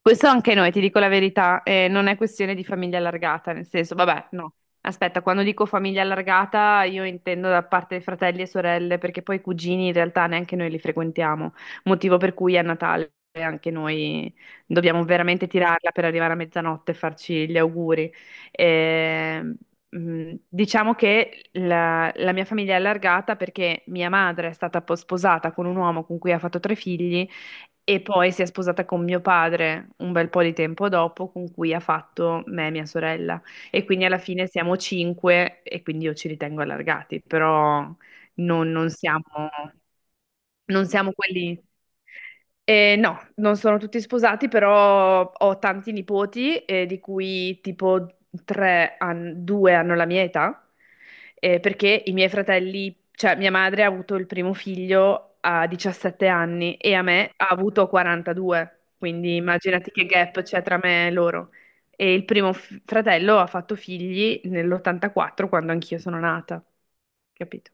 Questo anche noi, ti dico la verità, non è questione di famiglia allargata, nel senso, vabbè, no. Aspetta, quando dico famiglia allargata io intendo da parte di fratelli e sorelle, perché poi i cugini in realtà neanche noi li frequentiamo, motivo per cui a Natale anche noi dobbiamo veramente tirarla per arrivare a mezzanotte e farci gli auguri. Eh, diciamo che la mia famiglia è allargata perché mia madre è stata sposata con un uomo con cui ha fatto tre figli e poi si è sposata con mio padre un bel po' di tempo dopo, con cui ha fatto me e mia sorella. E quindi alla fine siamo cinque e quindi io ci ritengo allargati, però non siamo... Non siamo quelli... no, non sono tutti sposati, però ho tanti nipoti, di cui tipo due hanno la mia età, perché i miei fratelli, cioè mia madre ha avuto il primo figlio a 17 anni e a me ha avuto 42, quindi immaginati che gap c'è tra me e loro. E il primo fratello ha fatto figli nell'84, quando anch'io sono nata, capito?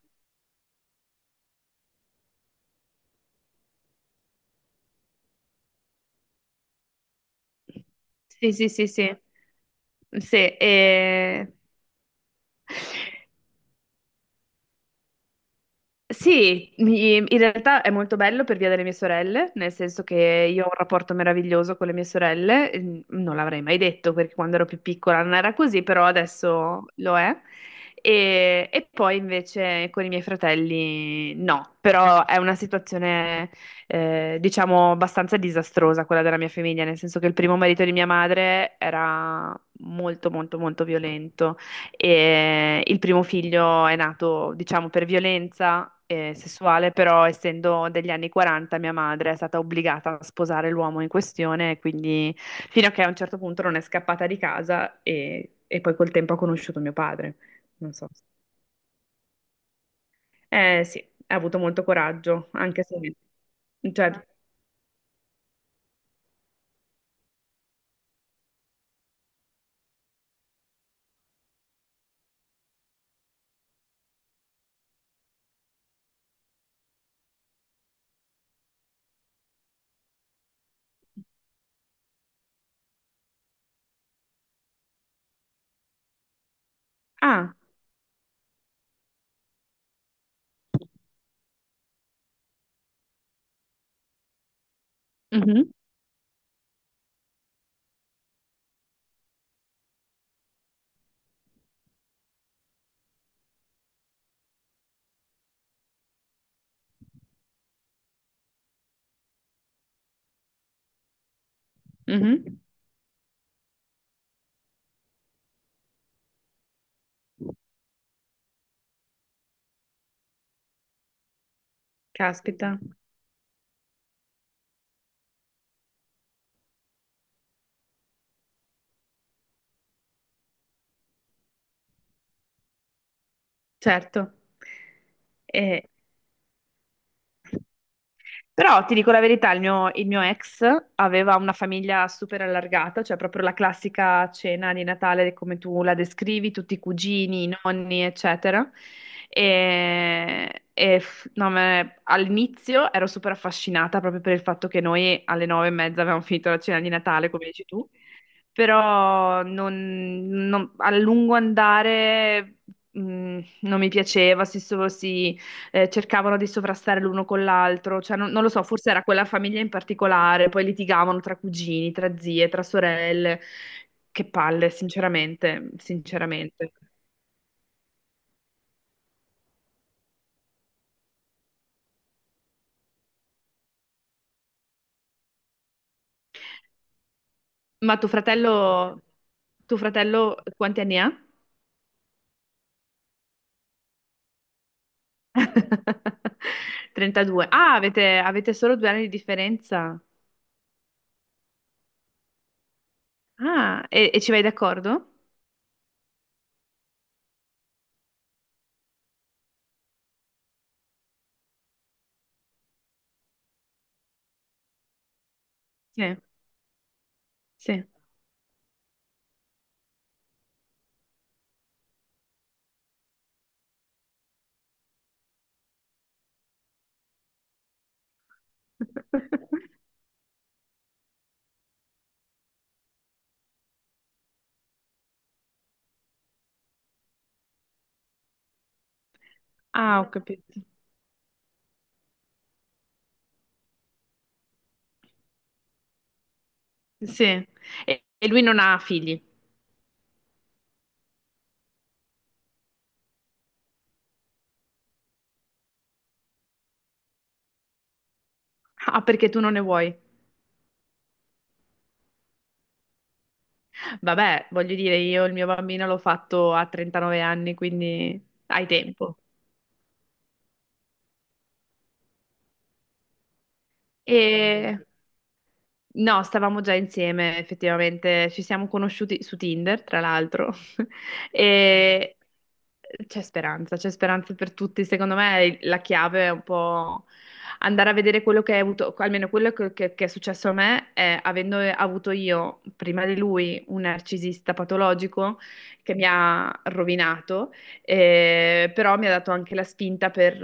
Sì, sì, sì, sì. Sì, sì, in realtà è molto bello per via delle mie sorelle, nel senso che io ho un rapporto meraviglioso con le mie sorelle, non l'avrei mai detto perché quando ero più piccola non era così, però adesso lo è. E poi invece con i miei fratelli no, però è una situazione diciamo abbastanza disastrosa quella della mia famiglia, nel senso che il primo marito di mia madre era molto molto molto violento. E il primo figlio è nato, diciamo, per violenza sessuale, però essendo degli anni 40 mia madre è stata obbligata a sposare l'uomo in questione, quindi fino a che a un certo punto non è scappata di casa e poi col tempo ha conosciuto mio padre. Non so. Eh sì, ha avuto molto coraggio, anche se... Cioè... Ah, mhm, mhm. Caspita, certo. E, Però ti dico la verità, il mio ex aveva una famiglia super allargata, cioè proprio la classica cena di Natale come tu la descrivi, tutti i cugini, i nonni, eccetera. E f- no, me- All'inizio ero super affascinata proprio per il fatto che noi alle 9:30 avevamo finito la cena di Natale, come dici tu, però a lungo andare mh, non mi piaceva, si, cercavano di sovrastare l'uno con l'altro, cioè non lo so, forse era quella famiglia in particolare, poi litigavano tra cugini, tra zie, tra sorelle, che palle, sinceramente, sinceramente. Ma tuo fratello quanti anni ha? 32. Ah, avete solo 2 anni di differenza. Ah, e ci vai d'accordo? Sì. Sì. Ah, ho capito. Sì. E lui non ha figli. Ah, perché tu non ne vuoi. Vabbè, voglio dire, io il mio bambino l'ho fatto a 39 anni, quindi hai tempo. E No, stavamo già insieme, effettivamente, ci siamo conosciuti su Tinder, tra l'altro, e c'è speranza per tutti. Secondo me la chiave è un po' andare a vedere quello che hai avuto, almeno quello che è successo a me, è avendo avuto io, prima di lui, un narcisista patologico che mi ha rovinato, però mi ha dato anche la spinta per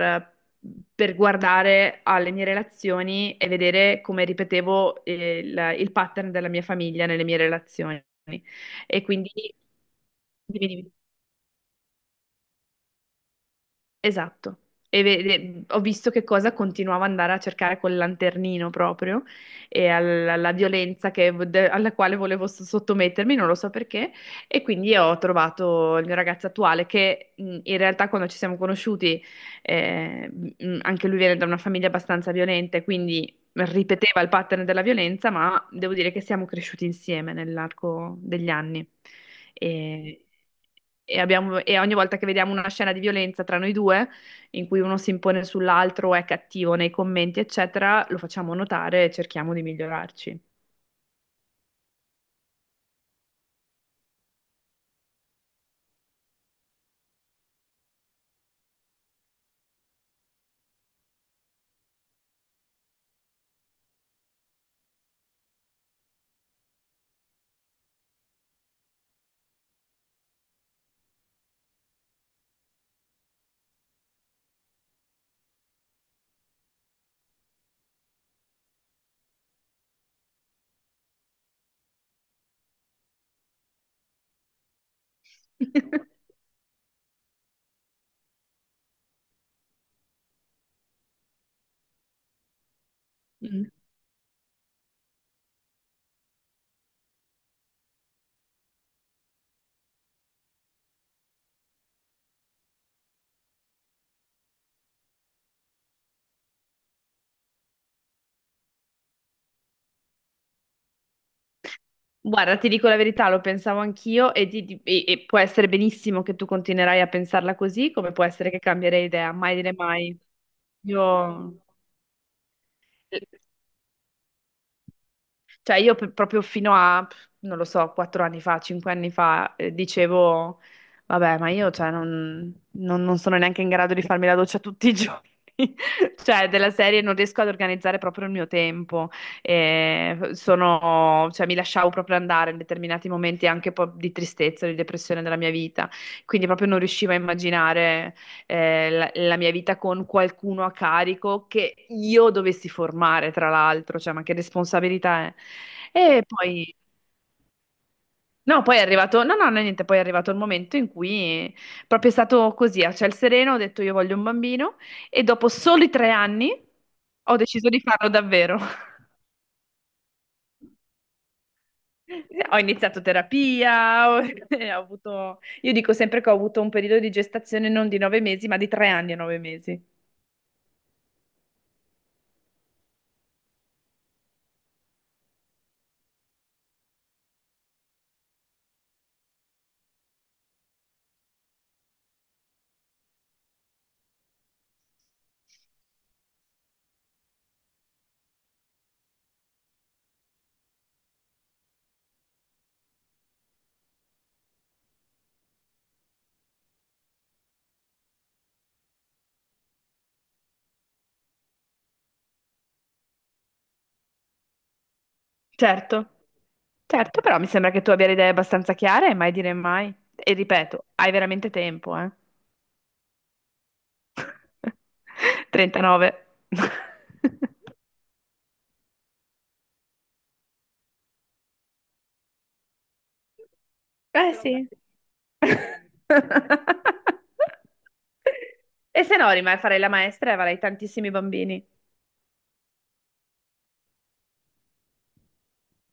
guardare alle mie relazioni e vedere come ripetevo il pattern della mia famiglia nelle mie relazioni. E quindi, dimmi, dimmi. Esatto. Ho visto che cosa continuavo ad andare a cercare col lanternino proprio e alla violenza alla quale volevo sottomettermi, non lo so perché. E quindi ho trovato il mio ragazzo attuale che in realtà quando ci siamo conosciuti, anche lui viene da una famiglia abbastanza violenta, quindi ripeteva il pattern della violenza, ma devo dire che siamo cresciuti insieme nell'arco degli anni. E, e ogni volta che vediamo una scena di violenza tra noi due, in cui uno si impone sull'altro o è cattivo nei commenti, eccetera, lo facciamo notare e cerchiamo di migliorarci. Mm. Guarda, ti dico la verità, lo pensavo anch'io e, può essere benissimo che tu continuerai a pensarla così, come può essere che cambierei idea, mai dire mai. Io... Cioè io proprio fino a, non lo so, 4 anni fa, 5 anni fa, dicevo, vabbè, ma io cioè, non sono neanche in grado di farmi la doccia tutti i giorni. Cioè, della serie non riesco ad organizzare proprio il mio tempo. Cioè, mi lasciavo proprio andare in determinati momenti anche un po' di tristezza, di depressione della mia vita. Quindi proprio non riuscivo a immaginare la mia vita con qualcuno a carico che io dovessi formare, tra l'altro, cioè, ma che responsabilità è? E poi, no, poi è arrivato, no, no, no, niente, poi è arrivato il momento in cui proprio è stato così, a ciel sereno, ho detto io voglio un bambino e dopo soli 3 anni ho deciso di farlo davvero. Ho iniziato terapia, ho avuto, io dico sempre che ho avuto un periodo di gestazione non di 9 mesi, ma di 3 anni e 9 mesi. Certo, certo, però mi sembra che tu abbia le idee abbastanza chiare e mai dire mai. E ripeto, hai veramente tempo, eh? 39. Eh sì. E se no, rimani a fare la maestra e avrai tantissimi bambini.